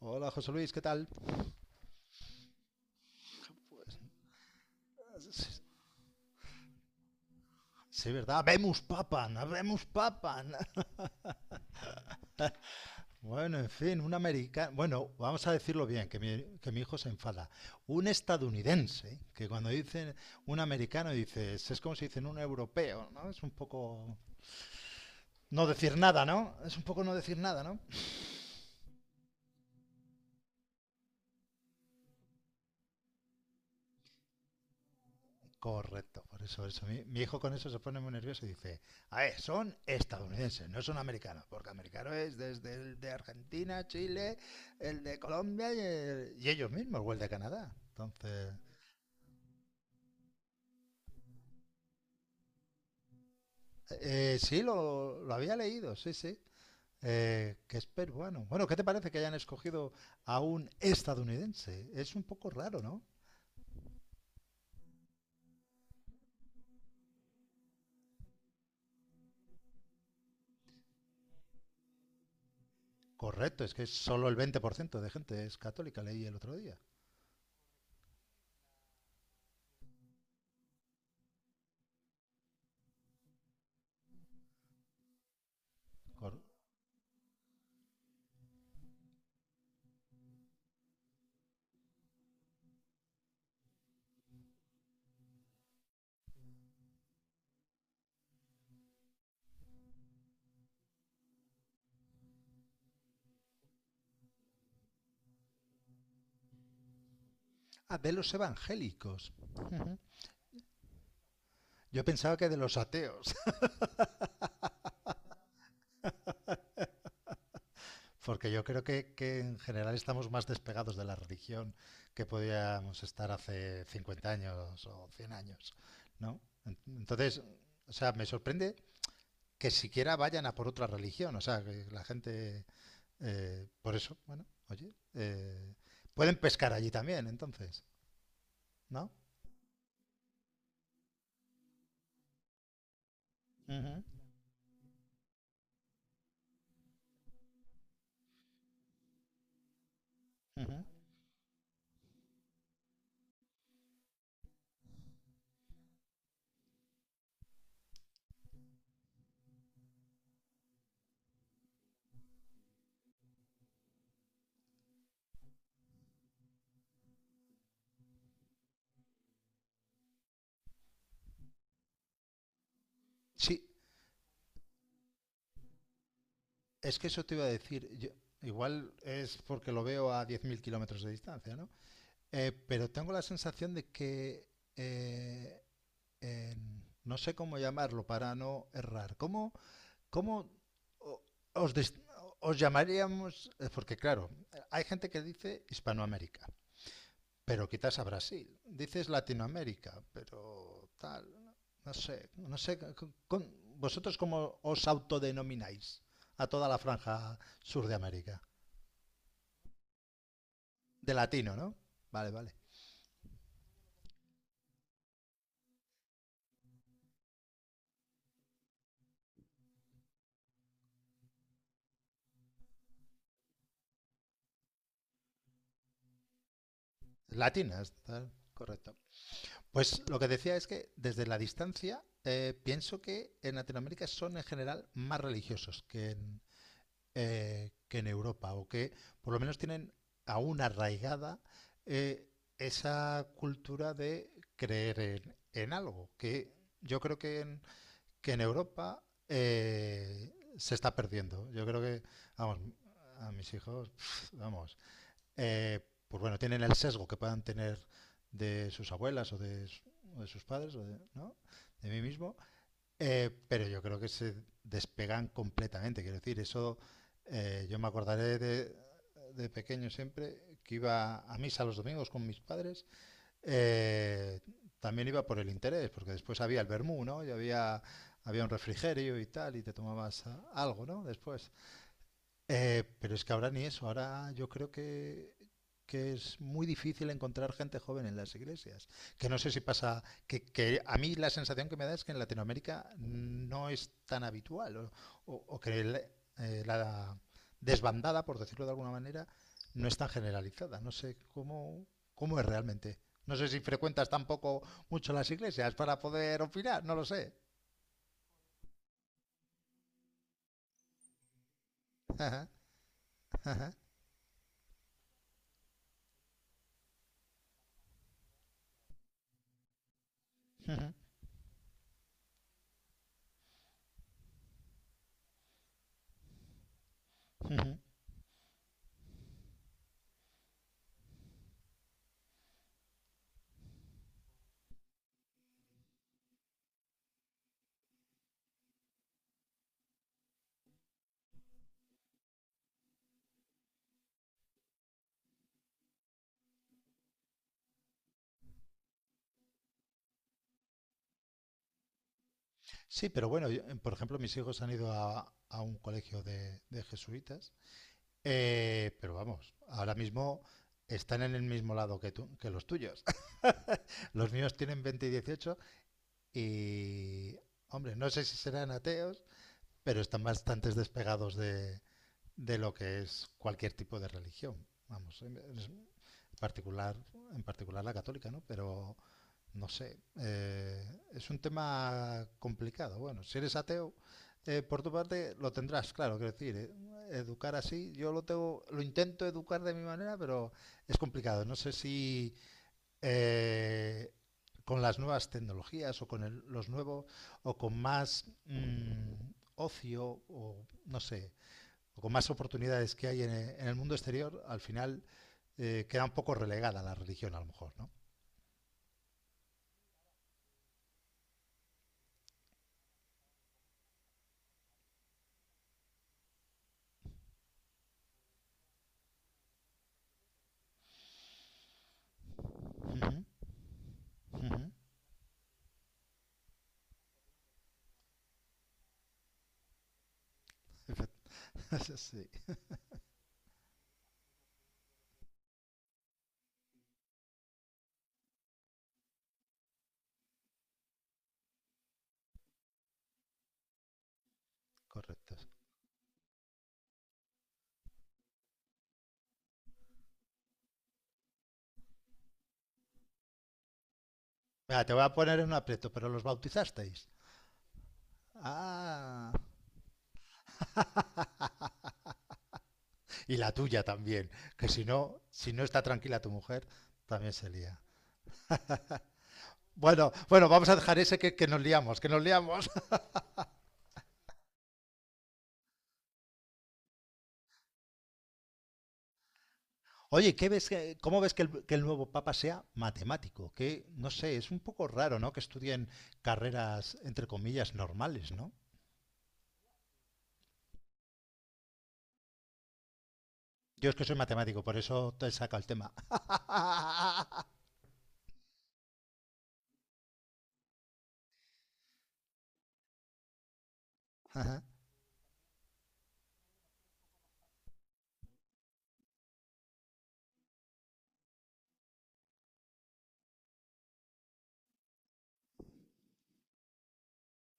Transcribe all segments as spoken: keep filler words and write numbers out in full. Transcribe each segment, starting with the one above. Hola, José Luis, ¿qué tal? Sí, ¿verdad? Vemos Papan, vemos Papan. Bueno, en fin, un americano. Bueno, vamos a decirlo bien, que mi, que mi hijo se enfada. Un estadounidense, que cuando dicen un americano, dices, es como si dicen un europeo, ¿no? Es un poco no decir nada, ¿no? Es un poco no decir nada, ¿no? Correcto, por eso, por eso. Mi, mi hijo con eso se pone muy nervioso y dice, a ver, son estadounidenses, no son americanos, porque americano es desde el de Argentina, Chile, el de Colombia y, el- y ellos mismos, o el de Canadá. Entonces, eh, sí, lo, lo había leído, sí, sí, eh, que es peruano. Bueno, ¿qué te parece que hayan escogido a un estadounidense? Es un poco raro, ¿no? Correcto, es que solo el veinte por ciento de gente es católica, leí el otro día. Cor- ah, de los evangélicos. Ujú. Yo pensaba que de los ateos, porque yo creo que, que en general estamos más despegados de la religión que podíamos estar hace cincuenta años o cien años, ¿no? En- Entonces, o sea, me sorprende que siquiera vayan a por otra religión, o sea, que la gente, eh, por eso, bueno, oye, eh, pueden pescar allí también, entonces, ¿no? Ujú, ujú. Sí, es que eso te iba a decir, yo- igual es porque lo veo a diez mil kilómetros de distancia, ¿no? Eh, pero tengo la sensación de que eh, en- no sé cómo llamarlo para no errar. ¿Cómo, cómo o- os, des- os llamaríamos? eh, Porque claro, hay gente que dice Hispanoamérica, pero quizás a Brasil. Dices Latinoamérica, pero tal. No sé, no sé. con- con- ¿Vosotros cómo os autodenomináis a toda la franja sur de América? De latino, ¿no? Vale, vale. Latinas, tal, correcto. Pues lo que decía es que desde la distancia eh, pienso que en Latinoamérica son en general más religiosos que en, eh, que en Europa o que por lo menos tienen aún arraigada eh, esa cultura de creer en, en algo que yo creo que en, que en Europa eh, se está perdiendo. Yo creo que, vamos, a mis hijos, vamos, eh, pues bueno, tienen el sesgo que puedan tener de sus abuelas o de, o de sus padres, o de, ¿no? De mí mismo, eh, pero yo creo que se despegan completamente. Quiero decir, eso eh, yo me acordaré de, de pequeño siempre que iba a misa los domingos con mis padres. eh, También iba por el interés, porque después había el vermú, ¿no? Y había, había un refrigerio y tal, y te tomabas ah, algo, ¿no? Después. Eh, pero es que ahora ni eso, ahora yo creo que, que es muy difícil encontrar gente joven en las iglesias. Que no sé si pasa, que, que a mí la sensación que me da es que en Latinoamérica no es tan habitual, o, o- o que el- eh, la desbandada, por decirlo de alguna manera, no es tan generalizada. No sé cómo, cómo es realmente. No sé si frecuentas tampoco mucho las iglesias para poder opinar, no lo sé. Ajá, ajá, ujú, ujú. Sí, pero bueno, yo- por ejemplo, mis hijos han ido a, a un colegio de, de jesuitas, eh, pero vamos, ahora mismo están en el mismo lado que tú, que los tuyos. Los míos tienen veinte y dieciocho y, hombre, no sé si serán ateos, pero están bastante despegados de, de lo que es cualquier tipo de religión. Vamos, en en particular, en particular la católica, ¿no? Pero no sé, eh, es un tema complicado. Bueno, si eres ateo, eh, por tu parte lo tendrás, claro, quiero decir, eh, educar así, yo lo tengo, lo intento educar de mi manera, pero es complicado. No sé si eh, con las nuevas tecnologías o con el- los nuevos o con más mm, ocio o no sé, o con más oportunidades que hay en, e- en el mundo exterior, al final eh, queda un poco relegada la religión a lo mejor, ¿no? Ujú, ujú, sí, correcto. Mira, te voy a poner en un aprieto, pero los bautizasteis. Ah. Y la tuya también, que si no, si no está tranquila tu mujer, también se lía. Bueno, bueno, vamos a dejar ese que, que nos liamos, que nos liamos. Oye, ¿qué ves, que- ¿cómo ves que el, que el nuevo papa sea matemático? Que, no sé, es un poco raro, ¿no? Que estudien carreras, entre comillas, normales, ¿no? Yo es que soy matemático, por eso te saca el tema.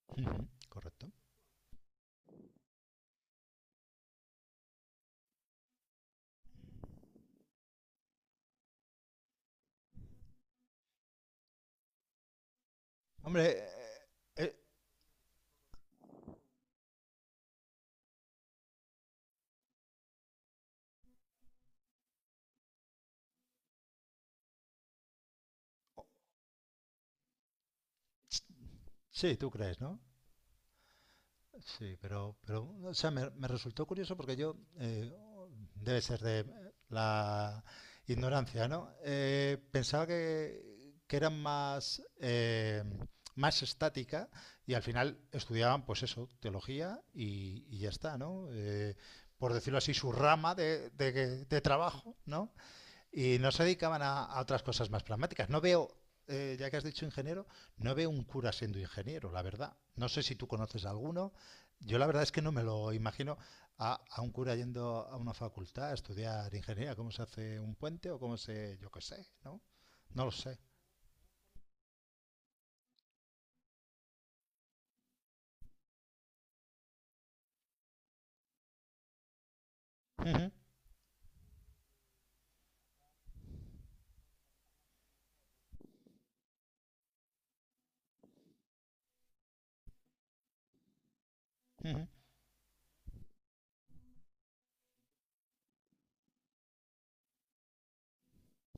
Correcto. Hombre, eh, sí, tú crees, ¿no? Sí, pero, pero o sea, me, me resultó curioso porque yo, eh, debe ser de eh, la ignorancia, ¿no? Eh, pensaba que, que eran más, eh, más estática y al final estudiaban, pues eso, teología y, y ya está, ¿no? Eh, por decirlo así, su rama de, de, de trabajo, ¿no? Y no se dedicaban a, a otras cosas más pragmáticas. No veo, eh, ya que has dicho ingeniero, no veo un cura siendo ingeniero, la verdad. No sé si tú conoces a alguno. Yo la verdad es que no me lo imagino a, a un cura yendo a una facultad a estudiar ingeniería, cómo se hace un puente o cómo se, yo qué sé, ¿no? No lo sé. Ujú, ujú,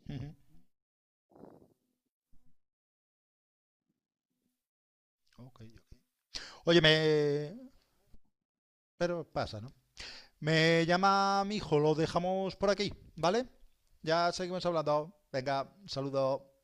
ujú. Ok, yo- oye, me... Pero pasa, ¿no? Me llama mi hijo, lo dejamos por aquí, ¿vale? Ya seguimos hablando. Venga, saludo.